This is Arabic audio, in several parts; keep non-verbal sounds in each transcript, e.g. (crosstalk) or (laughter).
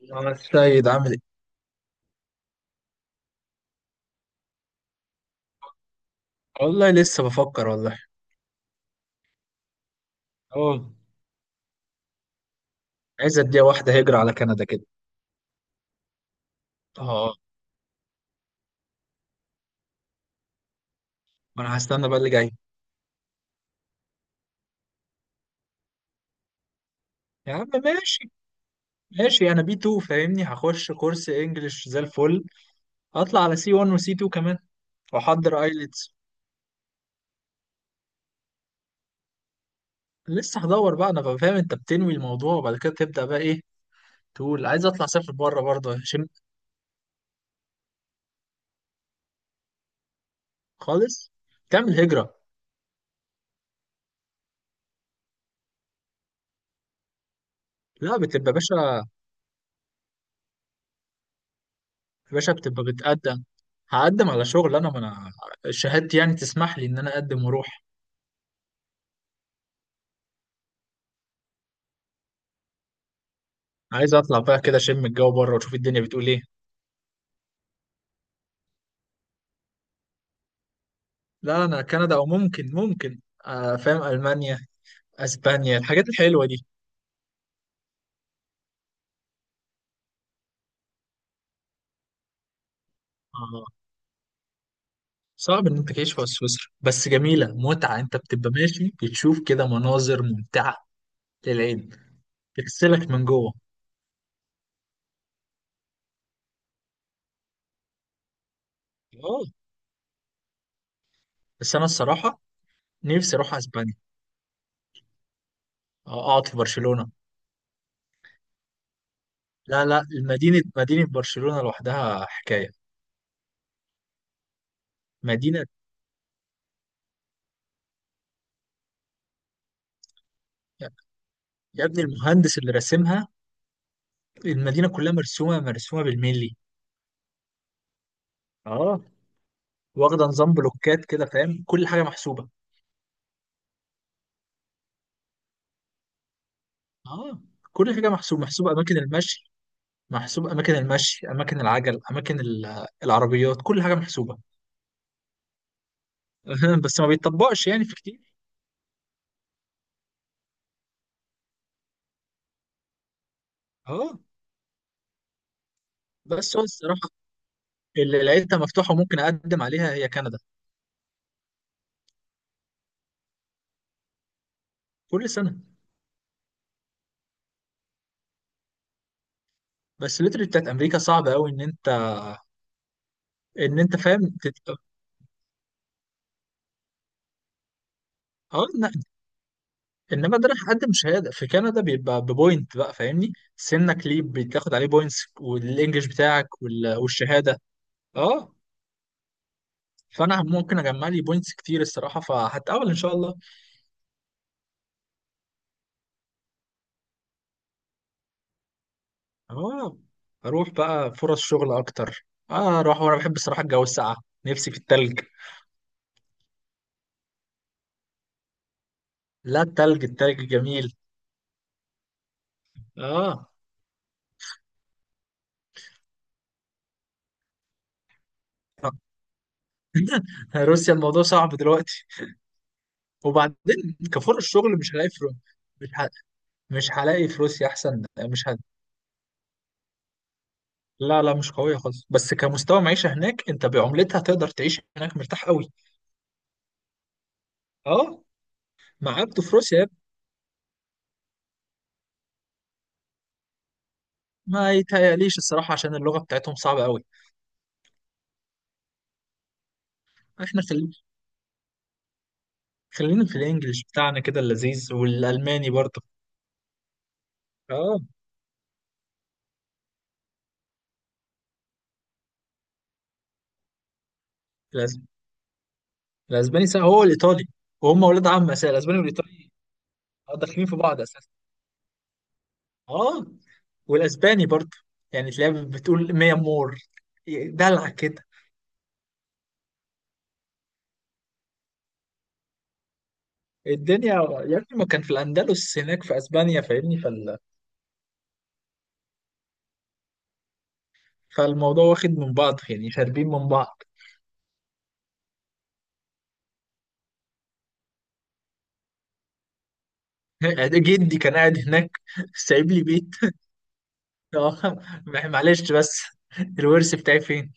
يا السيد عامل ايه؟ والله لسه بفكر والله. اه. عايز اديها واحدة هجرة على كندا كده. اه، ما انا هستنى بقى اللي جاي. يا عم ماشي، ماشي، انا بي 2 فاهمني، هخش كورس انجلش زي الفل، هطلع على سي 1 وسي 2 كمان واحضر ايلتس. لسه هدور بقى، انا بقى فاهم انت بتنوي الموضوع وبعد كده تبدأ بقى ايه، تقول عايز اطلع اسافر بره برضه هشم. خالص. تعمل هجرة. لا، بتبقى باشا، باشا، بتبقى بتقدم، هقدم على شغل، انا ما انا شهادتي يعني تسمح لي ان انا اقدم واروح. عايز اطلع بقى كده اشم الجو بره واشوف الدنيا بتقول ايه. لا، انا كندا، او ممكن ممكن. فاهم، المانيا، اسبانيا، الحاجات الحلوه دي. آه. صعب ان انت تعيش في سويسرا، بس جميله، متعه، انت بتبقى ماشي بتشوف كده مناظر ممتعه للعين، بتغسلك من جوه. اه بس انا الصراحه نفسي اروح اسبانيا، آه، اقعد في برشلونه. لا لا، مدينه، مدينه برشلونه لوحدها حكايه. مدينه. يا ابني المهندس اللي راسمها، المدينه كلها مرسومه، مرسومه بالملي. اه، واخده نظام بلوكات كده فاهم، كل حاجه محسوبه. اه، كل حاجه محسوبه، محسوبه، اماكن المشي، محسوب اماكن المشي، اماكن العجل، اماكن العربيات، كل حاجه محسوبه. (laughs) بس ما بيتطبقش يعني في كتير. اه. بس هو الصراحه اللي لقيتها مفتوحه وممكن اقدم عليها هي كندا. كل سنه. بس الليتري بتاعت امريكا صعب قوي ان انت انت فاهم اه إن- انما ده راح اقدم شهاده في كندا بيبقى ببوينت بقى فاهمني، سنك ليه بتاخد عليه بوينتس، والانجليش بتاعك والشهاده. اه، فانا ممكن اجمع لي بوينتس كتير الصراحه، فهتقابل ان شاء الله. هو اروح بقى فرص شغل اكتر، اه اروح وانا بحب الصراحه الجو الساقع، نفسي في التلج. لا، التلج، التلج جميل. اه. (laughs) روسيا الموضوع صعب دلوقتي. وبعدين كفرص شغل مش هلاقي في مش ه... مش هلاقي في روسيا احسن، مش هد... لا لا، مش قويه خالص، بس كمستوى معيشه هناك انت بعملتها تقدر تعيش هناك مرتاح قوي. اه. ما عبده في روسيا، ما يتهيأليش الصراحه عشان اللغه بتاعتهم صعبه قوي. احنا خلينا، خلينا في الانجليش بتاعنا كده اللذيذ، والالماني برضه. اه. الأس- الاسباني سهل، هو الايطالي وهم اولاد عم اساسا، الاسباني والايطالي آه، داخلين في بعض اساسا. اه، والاسباني برضه، يعني تلاقيها بتقول ميا مور، دلع كده. الدنيا يا ابني ما كان في الاندلس هناك في اسبانيا فاهمني، فالموضوع واخد من بعض يعني، شاربين من بعض. (laughs) جدي كان قاعد هناك، سايب لي بيت. (laughs) آه، معلش بس الورث بتاعي فين؟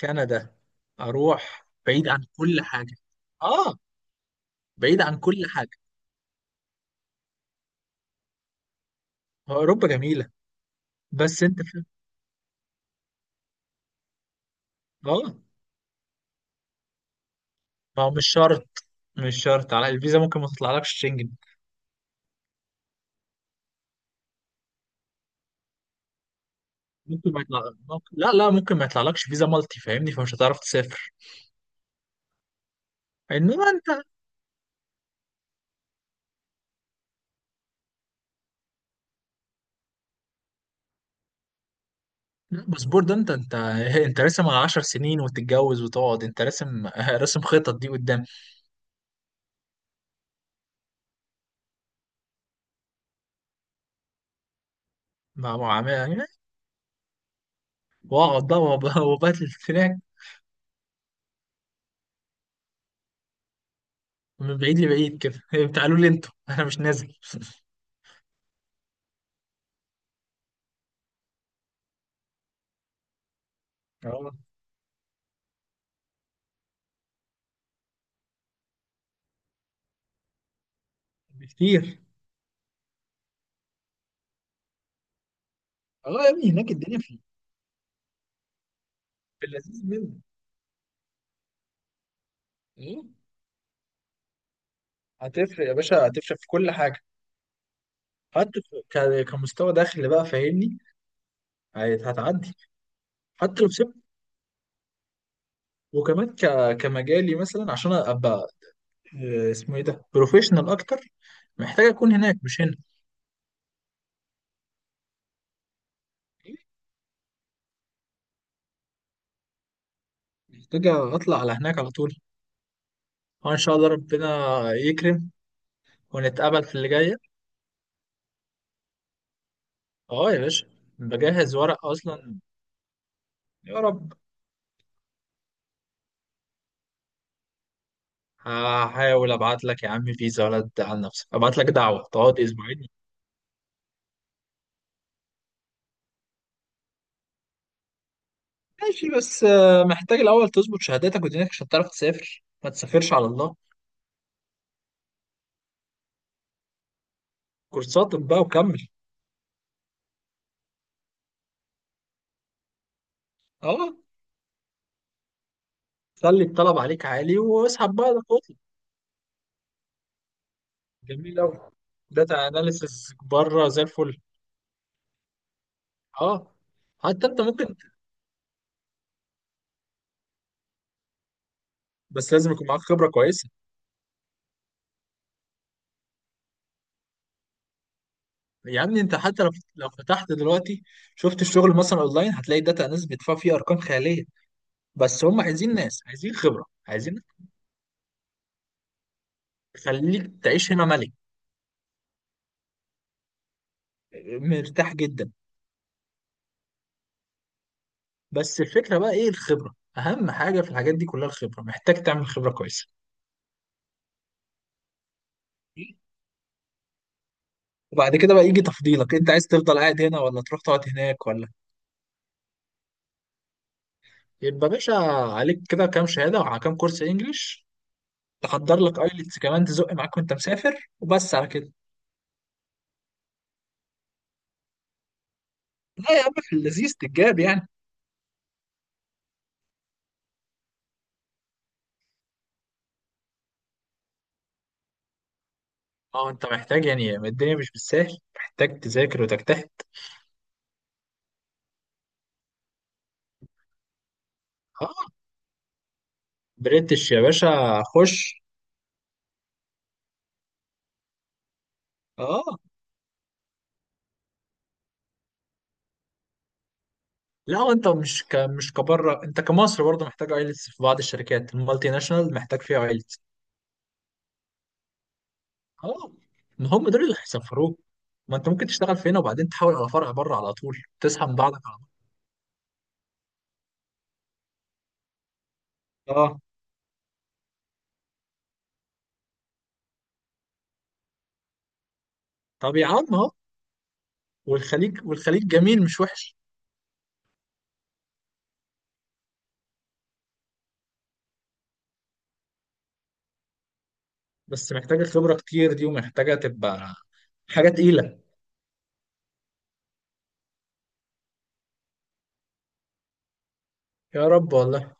كندا، اروح بعيد عن كل حاجه. اه، بعيد عن كل حاجه. هو اوروبا جميله، بس انت في... اه ما هو مش شرط، مش شرط على الفيزا ممكن ما تطلعلكش شنجن. ممكن ما يطلع، لا لا ممكن ما يطلعلكش فيزا مالتي فاهمني، فمش هتعرف تسافر. انما انت لا، الباسبور ده انت (laughs) انت راسم على 10 سنين وتتجوز وتقعد، انت راسم (laughs) راسم خطط دي قدام. مع مع مع- واقعد بقى (laughs) وباتل هناك، من بعيد لبعيد كده (laughs) تعالوا لي انتوا انا مش نازل. (laughs) بكتير. اه يا ابني هناك الدنيا في، في اللذيذ منه. ايه، هتفرق يا باشا، هتفرق في كل حاجه، حتى كمستوى دخل بقى فاهمني، هتعدي حتى لو سبت. وكمان ك... كمجالي مثلا عشان ابقى آه، اسمه ايه ده، بروفيشنال اكتر، محتاج اكون هناك مش هنا. محتاج اطلع على هناك على طول. اه، ان شاء الله ربنا يكرم ونتقابل في اللي جايه. اه يا باشا، بجهز ورق اصلا. يا رب. هحاول ابعت لك يا عم فيزا، ولا تزعل نفسك ابعت لك دعوه تقعد اسبوعين. ماشي، بس آه، محتاج الاول تظبط شهاداتك ودينك عشان تعرف تسافر، ما تسافرش على الله. كورساتك بقى وكمل. اه، خلي الطلب عليك عالي واسحب بقى، ده خطوة. جميل قوي، داتا اناليسز بره زي الفل. اه. حتى انت ممكن، بس لازم يكون معاك خبره كويسه. يا ابني انت حتى لو، لو فتحت دلوقتي شفت الشغل مثلا اونلاين هتلاقي داتا اناليسز بيدفعوا فيه ارقام خياليه، بس هم عايزين ناس، عايزين خبره، عايزين. خليك تعيش هنا ملك، مرتاح جدا. بس الفكرة بقى ايه، الخبرة اهم حاجة في الحاجات دي كلها، الخبرة، محتاج تعمل خبرة كويسة. وبعد كده بقى يجي تفضيلك، انت عايز تفضل قاعد هنا ولا تروح تقعد هناك ولا. يبقى باشا، عليك كده كام شهادة وعلى كام كورس انجليش، تحضر لك ايلتس كمان تزق معاك وانت مسافر، وبس على كده. لا يا عم، في اللذيذ تتجاب يعني. اه انت محتاج يعني، الدنيا مش بالسهل، محتاج تذاكر وتجتهد. اه، بريتش يا باشا خش. اه، لا هو انت مش ك... مش كبره، انت كمصر برضه محتاج ايلتس، في بعض الشركات المالتي ناشونال محتاج فيها ايلتس. اه، ما هم دول اللي هيسفروك، ما انت ممكن تشتغل في هنا وبعدين تحاول على فرع بره على طول، تسحب من بعضك على طول. اه، طب يا عم اهو، والخليج، والخليج جميل مش وحش. بس محتاجه خبره كتير دي، ومحتاجه تبقى حاجه تقيله. يا رب والله.